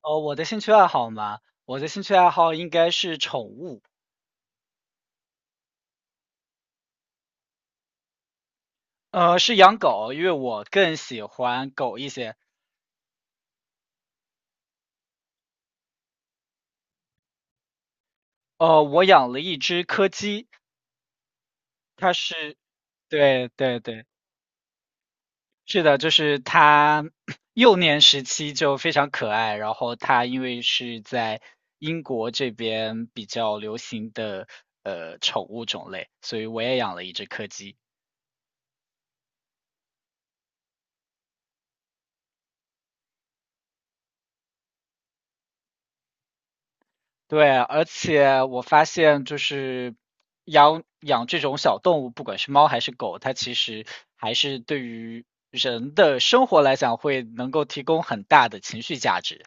哦，我的兴趣爱好应该是宠物。是养狗，因为我更喜欢狗一些。我养了一只柯基。它是，对对对，是的，就是它 幼年时期就非常可爱，然后它因为是在英国这边比较流行的宠物种类，所以我也养了一只柯基。对，而且我发现就是养养这种小动物，不管是猫还是狗，它其实还是对于人的生活来讲，会能够提供很大的情绪价值。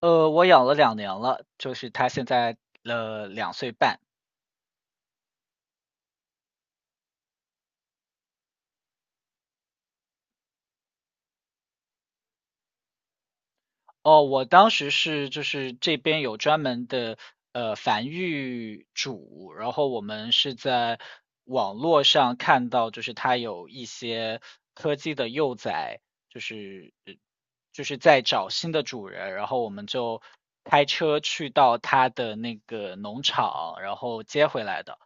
我养了2年了，就是它现在2岁半。哦，我当时是就是这边有专门的繁育主，然后我们是在网络上看到，就是它有一些柯基的幼崽，就是呃就是在找新的主人，然后我们就开车去到它的那个农场，然后接回来的。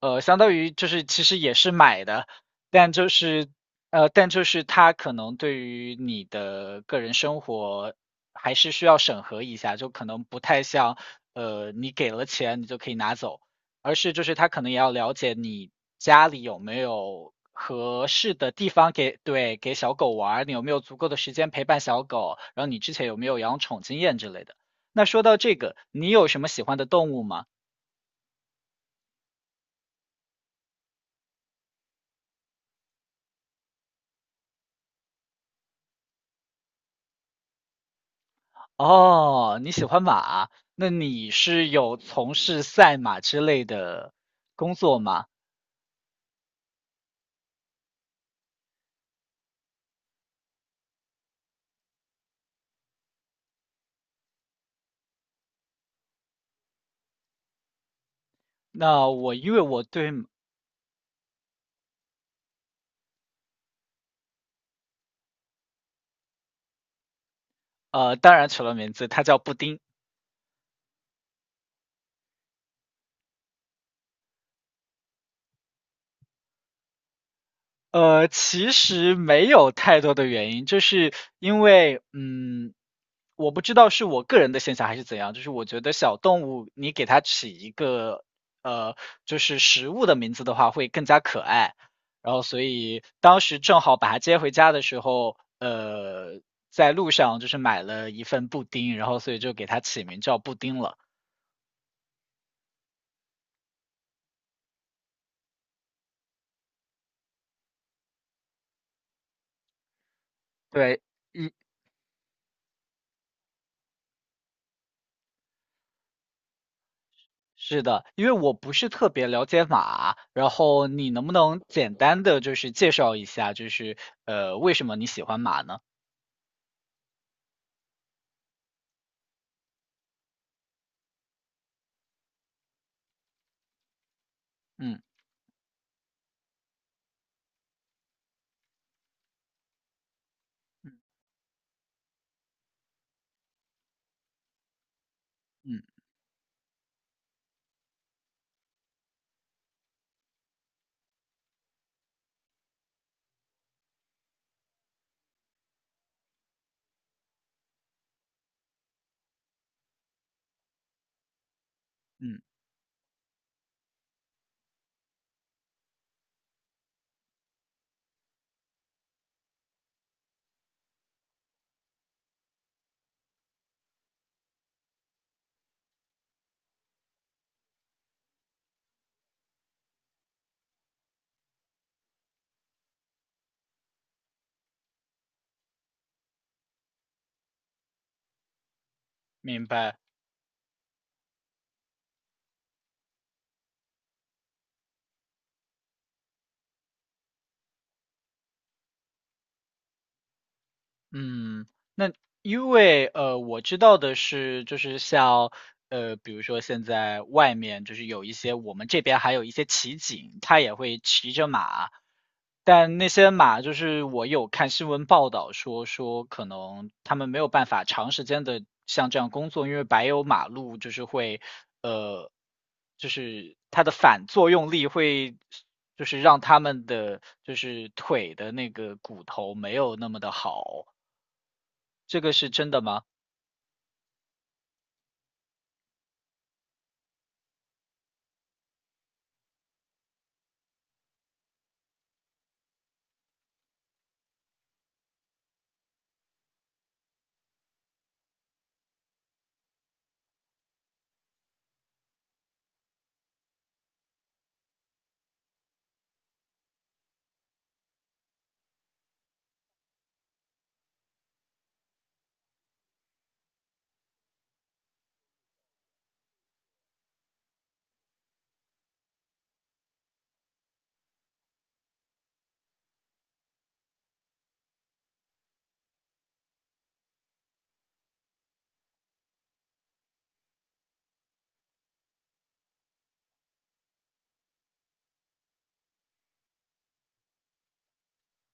相当于就是其实也是买的，但就是但就是它可能对于你的个人生活还是需要审核一下，就可能不太像你给了钱你就可以拿走，而是就是他可能也要了解你家里有没有合适的地方给给小狗玩儿，你有没有足够的时间陪伴小狗，然后你之前有没有养宠经验之类的。那说到这个，你有什么喜欢的动物吗？哦，你喜欢马，那你是有从事赛马之类的工作吗？那我因为我对。当然取了名字，它叫布丁。其实没有太多的原因，就是因为，我不知道是我个人的现象还是怎样，就是我觉得小动物你给它起一个呃，就是食物的名字的话会更加可爱，然后所以当时正好把它接回家的时候，在路上就是买了一份布丁，然后所以就给它起名叫布丁了。对，嗯。是的，因为我不是特别了解马，然后你能不能简单的就是介绍一下，就是为什么你喜欢马呢？嗯嗯嗯嗯，明白。嗯，那因为我知道的是，就是像比如说现在外面就是有一些我们这边还有一些骑警，他也会骑着马，但那些马就是我有看新闻报道说可能他们没有办法长时间的像这样工作，因为柏油马路就是会呃，就是它的反作用力会就是让他们的就是腿的那个骨头没有那么的好。这个是真的吗？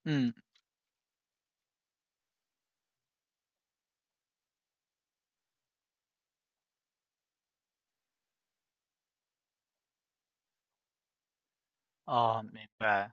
嗯，哦，明白。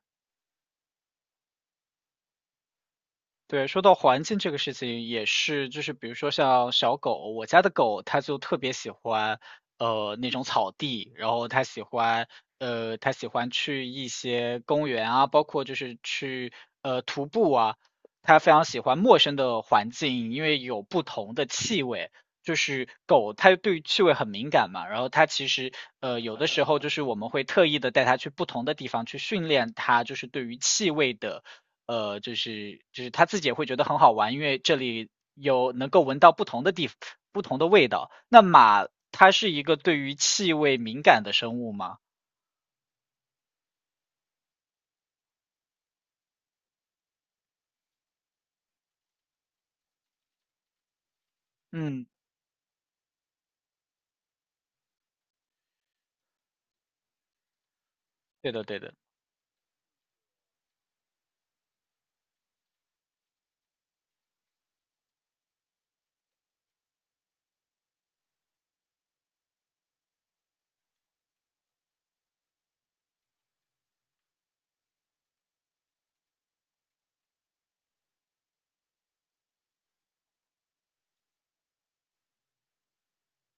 对，说到环境这个事情也是，就是比如说像小狗，我家的狗它就特别喜欢，那种草地，然后它喜欢去一些公园啊，包括就是去徒步啊，它非常喜欢陌生的环境，因为有不同的气味。就是狗，它对于气味很敏感嘛，然后它其实有的时候就是我们会特意的带它去不同的地方去训练它，就是对于气味的。就是他自己也会觉得很好玩，因为这里有能够闻到不同的味道。那马它是一个对于气味敏感的生物吗？嗯，对的对的，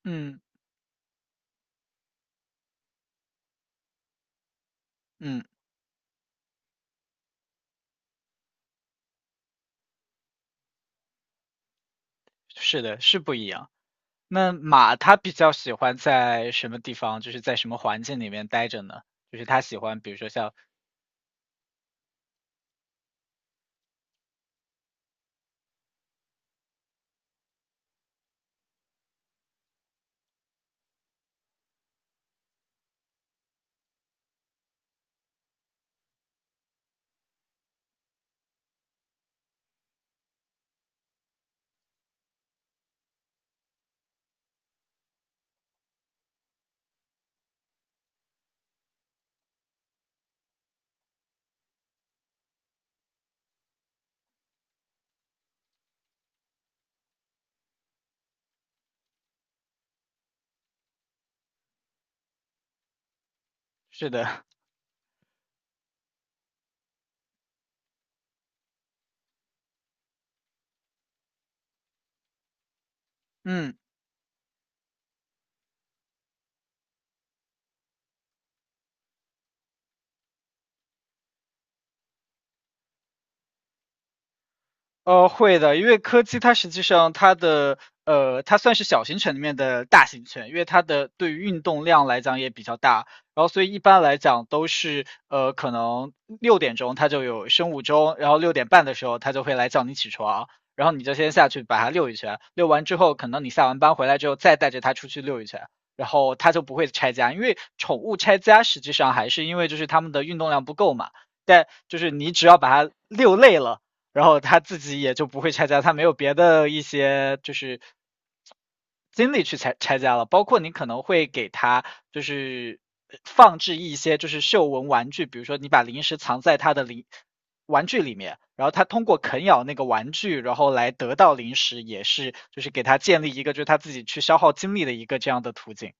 嗯嗯，是的，是不一样。那马它比较喜欢在什么地方，就是在什么环境里面待着呢？就是它喜欢，比如说像，是的，嗯。会的，因为柯基它实际上它算是小型犬里面的大型犬，因为它的对于运动量来讲也比较大，然后所以一般来讲都是可能6点钟它就有生物钟，然后6点半的时候它就会来叫你起床，然后你就先下去把它遛一圈，遛完之后可能你下完班回来之后再带着它出去遛一圈，然后它就不会拆家，因为宠物拆家实际上还是因为就是它们的运动量不够嘛，但就是你只要把它遛累了。然后他自己也就不会拆家，他没有别的一些就是精力去拆家了。包括你可能会给他就是放置一些就是嗅闻玩具，比如说你把零食藏在他的玩具里面，然后他通过啃咬那个玩具，然后来得到零食，也是就是给他建立一个就是他自己去消耗精力的一个这样的途径。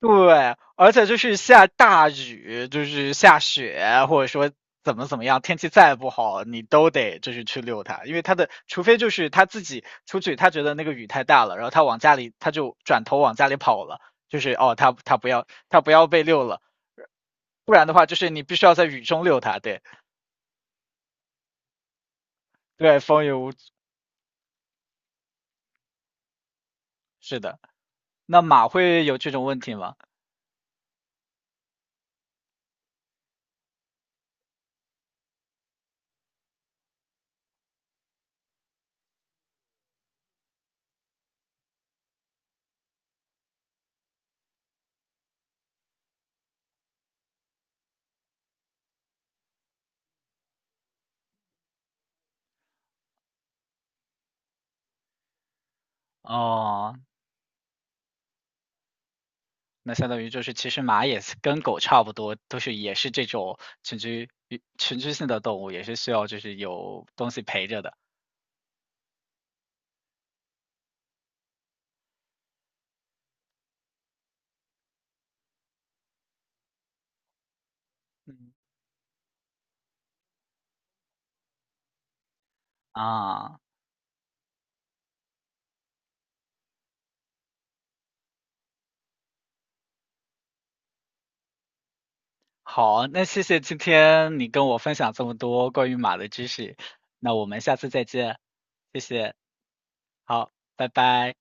对，而且就是下大雨，就是下雪，或者说怎么怎么样，天气再不好，你都得就是去遛它，因为它的，除非就是他自己出去，他觉得那个雨太大了，然后他往家里，他就转头往家里跑了，就是哦，他不要被遛了，不然的话就是你必须要在雨中遛它，对对，风雨无阻，是的。那马会有这种问题吗？哦，那相当于就是，其实马也是跟狗差不多，都是也是这种群居性的动物，也是需要就是有东西陪着的。嗯啊，好，那谢谢今天你跟我分享这么多关于马的知识，那我们下次再见，谢谢，好，拜拜。